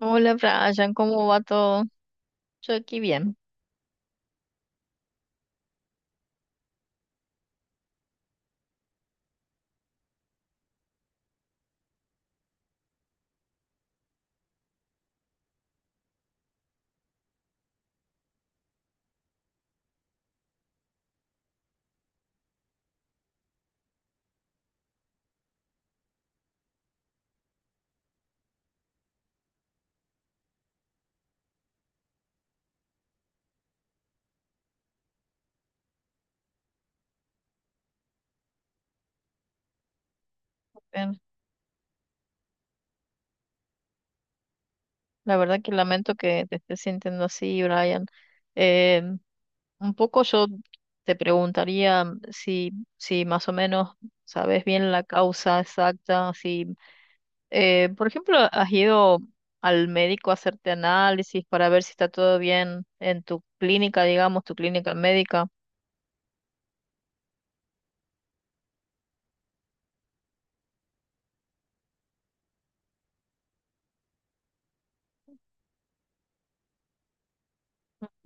Hola Brian, ¿cómo va todo? Yo aquí bien. Bien. La verdad que lamento que te estés sintiendo así, Brian. Eh, un poco yo te preguntaría si, si más o menos sabes bien la causa exacta, si, por ejemplo, has ido al médico a hacerte análisis para ver si está todo bien en tu clínica, digamos, tu clínica médica.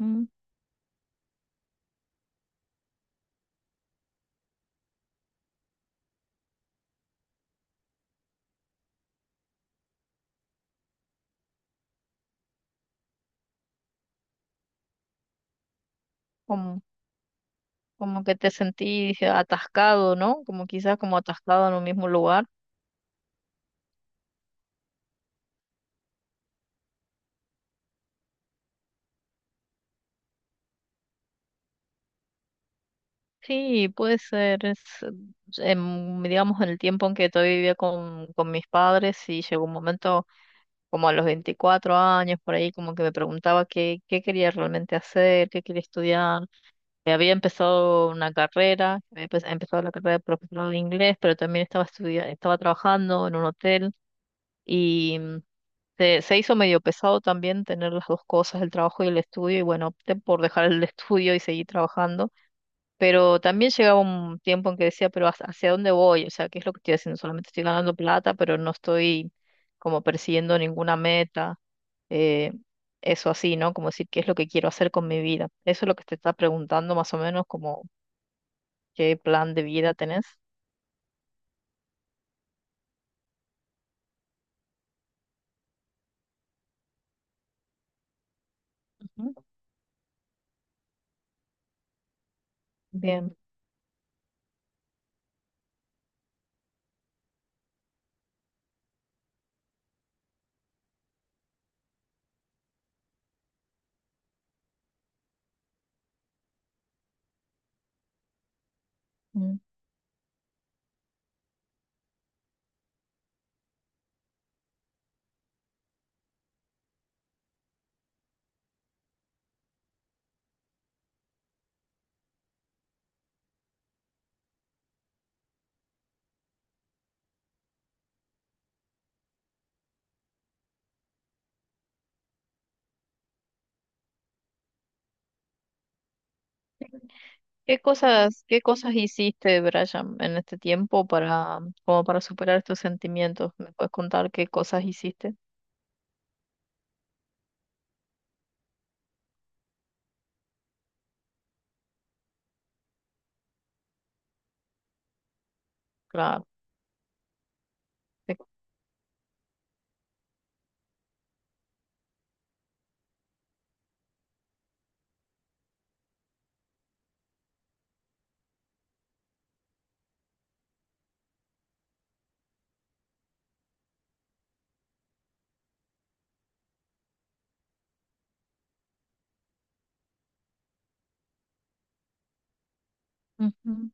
Mm, Como, como que te sentís atascado, ¿no? Como quizás como atascado en un mismo lugar. Sí, puede ser, digamos, en el tiempo en que todavía vivía con mis padres y llegó un momento como a los 24 años, por ahí, como que me preguntaba qué quería realmente hacer, qué quería estudiar. Había empezado una carrera, había empezado la carrera de profesor de inglés, pero también estaba estaba trabajando en un hotel y se hizo medio pesado también tener las dos cosas, el trabajo y el estudio, y bueno, opté por dejar el estudio y seguir trabajando, pero también llegaba un tiempo en que decía, pero ¿hacia dónde voy? O sea, ¿qué es lo que estoy haciendo? Solamente estoy ganando plata, pero no estoy como persiguiendo ninguna meta. eh, Eso así, ¿no? Como decir, ¿qué es lo que quiero hacer con mi vida? Eso es lo que te está preguntando más o menos, como qué plan de vida tenés. Ujú. Bien. Mm. ¿Qué cosas hiciste, Brian, en este tiempo para, como para superar estos sentimientos? ¿Me puedes contar qué cosas hiciste? Claro. te- Ujú.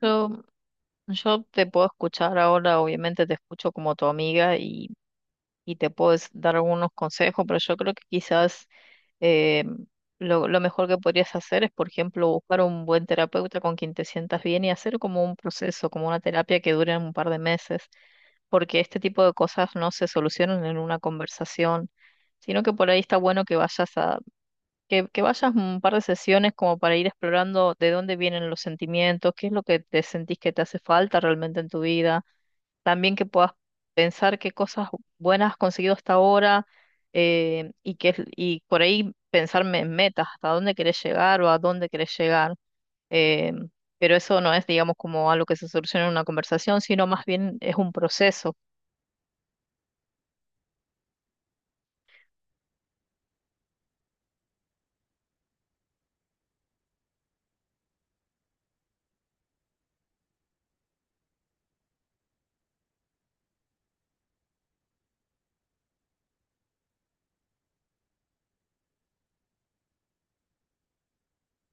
Yo Yo te puedo escuchar ahora, obviamente te escucho como tu amiga y te puedo dar algunos consejos, pero yo creo que quizás eh, lo mejor que podrías hacer es, por ejemplo, buscar un buen terapeuta con quien te sientas bien y hacer como un proceso, como una terapia que dure un par de meses, porque este tipo de cosas no se solucionan en una conversación, sino que por ahí está bueno que vayas que vayas un par de sesiones como para ir explorando de dónde vienen los sentimientos, qué es lo que te sentís que te hace falta realmente en tu vida, también que puedas pensar qué cosas buenas has conseguido hasta ahora, y por ahí pensarme en metas, hasta dónde querés llegar o a dónde querés llegar. eh, pero eso no es, digamos, como algo que se soluciona en una conversación, sino más bien es un proceso.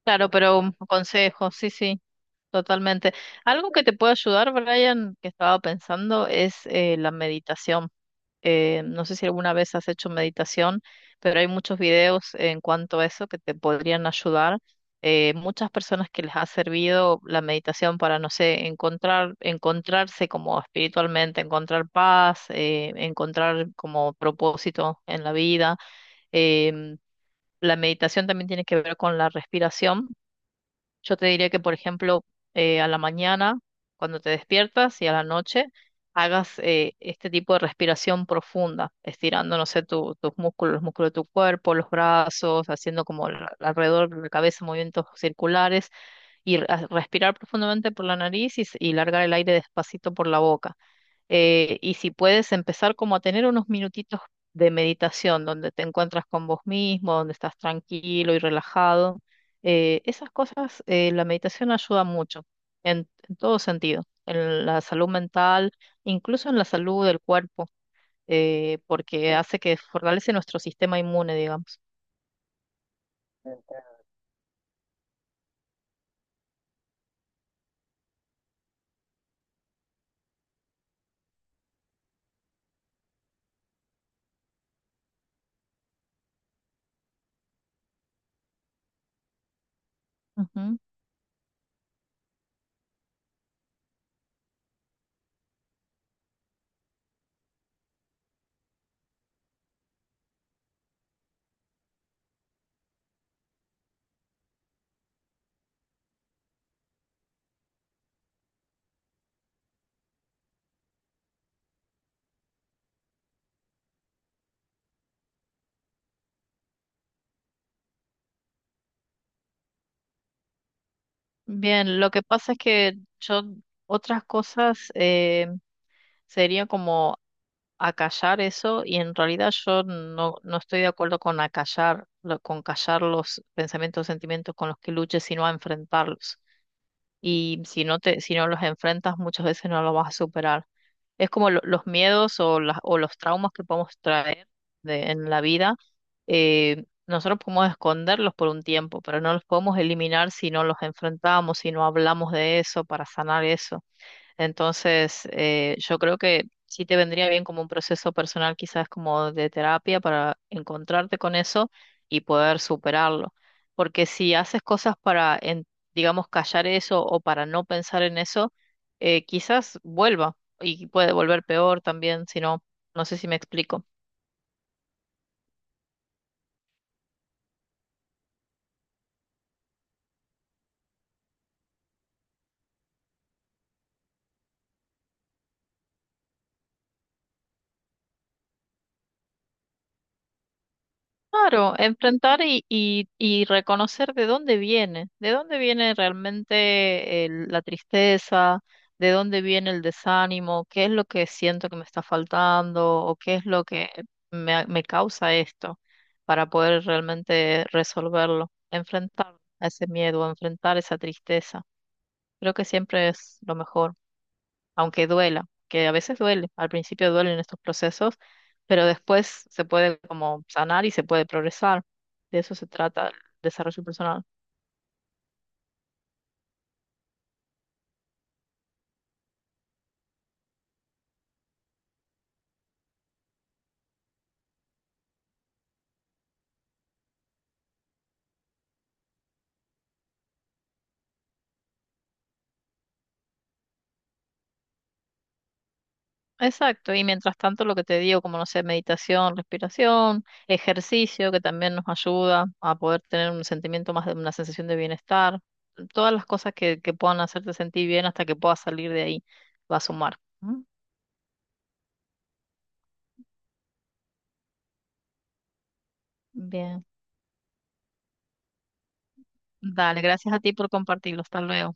Claro, pero un consejo, sí, sí. Totalmente. Algo que te puede ayudar, Brian, que estaba pensando, es la meditación. No sé si alguna vez has hecho meditación, pero hay muchos videos en cuanto a eso que te podrían ayudar. Muchas personas que les ha servido la meditación para, no sé, encontrar, encontrarse como espiritualmente, encontrar paz, encontrar como propósito en la vida. Em, la meditación también tiene que ver con la respiración. Yo te diría que, por ejemplo, a la mañana, cuando te despiertas y a la noche, hagas este tipo de respiración profunda, estirando, no sé, tus músculos, los músculos de tu cuerpo, los brazos, haciendo como alrededor de la cabeza movimientos circulares y respirar profundamente por la nariz y, y largar el aire despacito por la boca, y si puedes empezar como a tener unos minutitos de meditación donde te encuentras con vos mismo, donde estás tranquilo y relajado, esas cosas, la meditación ayuda mucho en todo sentido, en la salud mental, incluso en la salud del cuerpo, porque hace que fortalece nuestro sistema inmune, digamos. Ujú. Bien, lo que pasa es que yo otras cosas sería como acallar eso y en realidad yo no estoy de acuerdo con acallar, con callar los pensamientos sentimientos con los que luches, sino a enfrentarlos. Y si no los enfrentas, muchas veces no los vas a superar. Es como los miedos o los traumas que podemos traer en la vida. Nosotros podemos esconderlos por un tiempo, pero no los podemos eliminar si no los enfrentamos, si no hablamos de eso para sanar eso. Entonces, yo creo que sí te vendría bien como un proceso personal, quizás como de terapia, para encontrarte con eso y poder superarlo. Porque si haces cosas para, digamos, callar eso o para no pensar en eso, quizás vuelva y puede volver peor también, no sé si me explico. Claro, enfrentar y reconocer de dónde viene realmente la tristeza, de dónde viene el desánimo, qué es lo que siento que me está faltando o qué es lo que me causa esto para poder realmente resolverlo, enfrentar a ese miedo, enfrentar esa tristeza. Creo que siempre es lo mejor aunque duela, que a veces duele, al principio duelen estos procesos, pero después se puede como sanar y se puede progresar. De eso se trata el desarrollo personal. Exacto, y mientras tanto lo que te digo, como no sé, meditación, respiración, ejercicio, que también nos ayuda a poder tener un sentimiento más de una sensación de bienestar, todas las cosas que puedan hacerte sentir bien hasta que puedas salir de ahí, va a sumar. ¿Mm? Bien, dale, gracias a ti por compartirlo, hasta luego.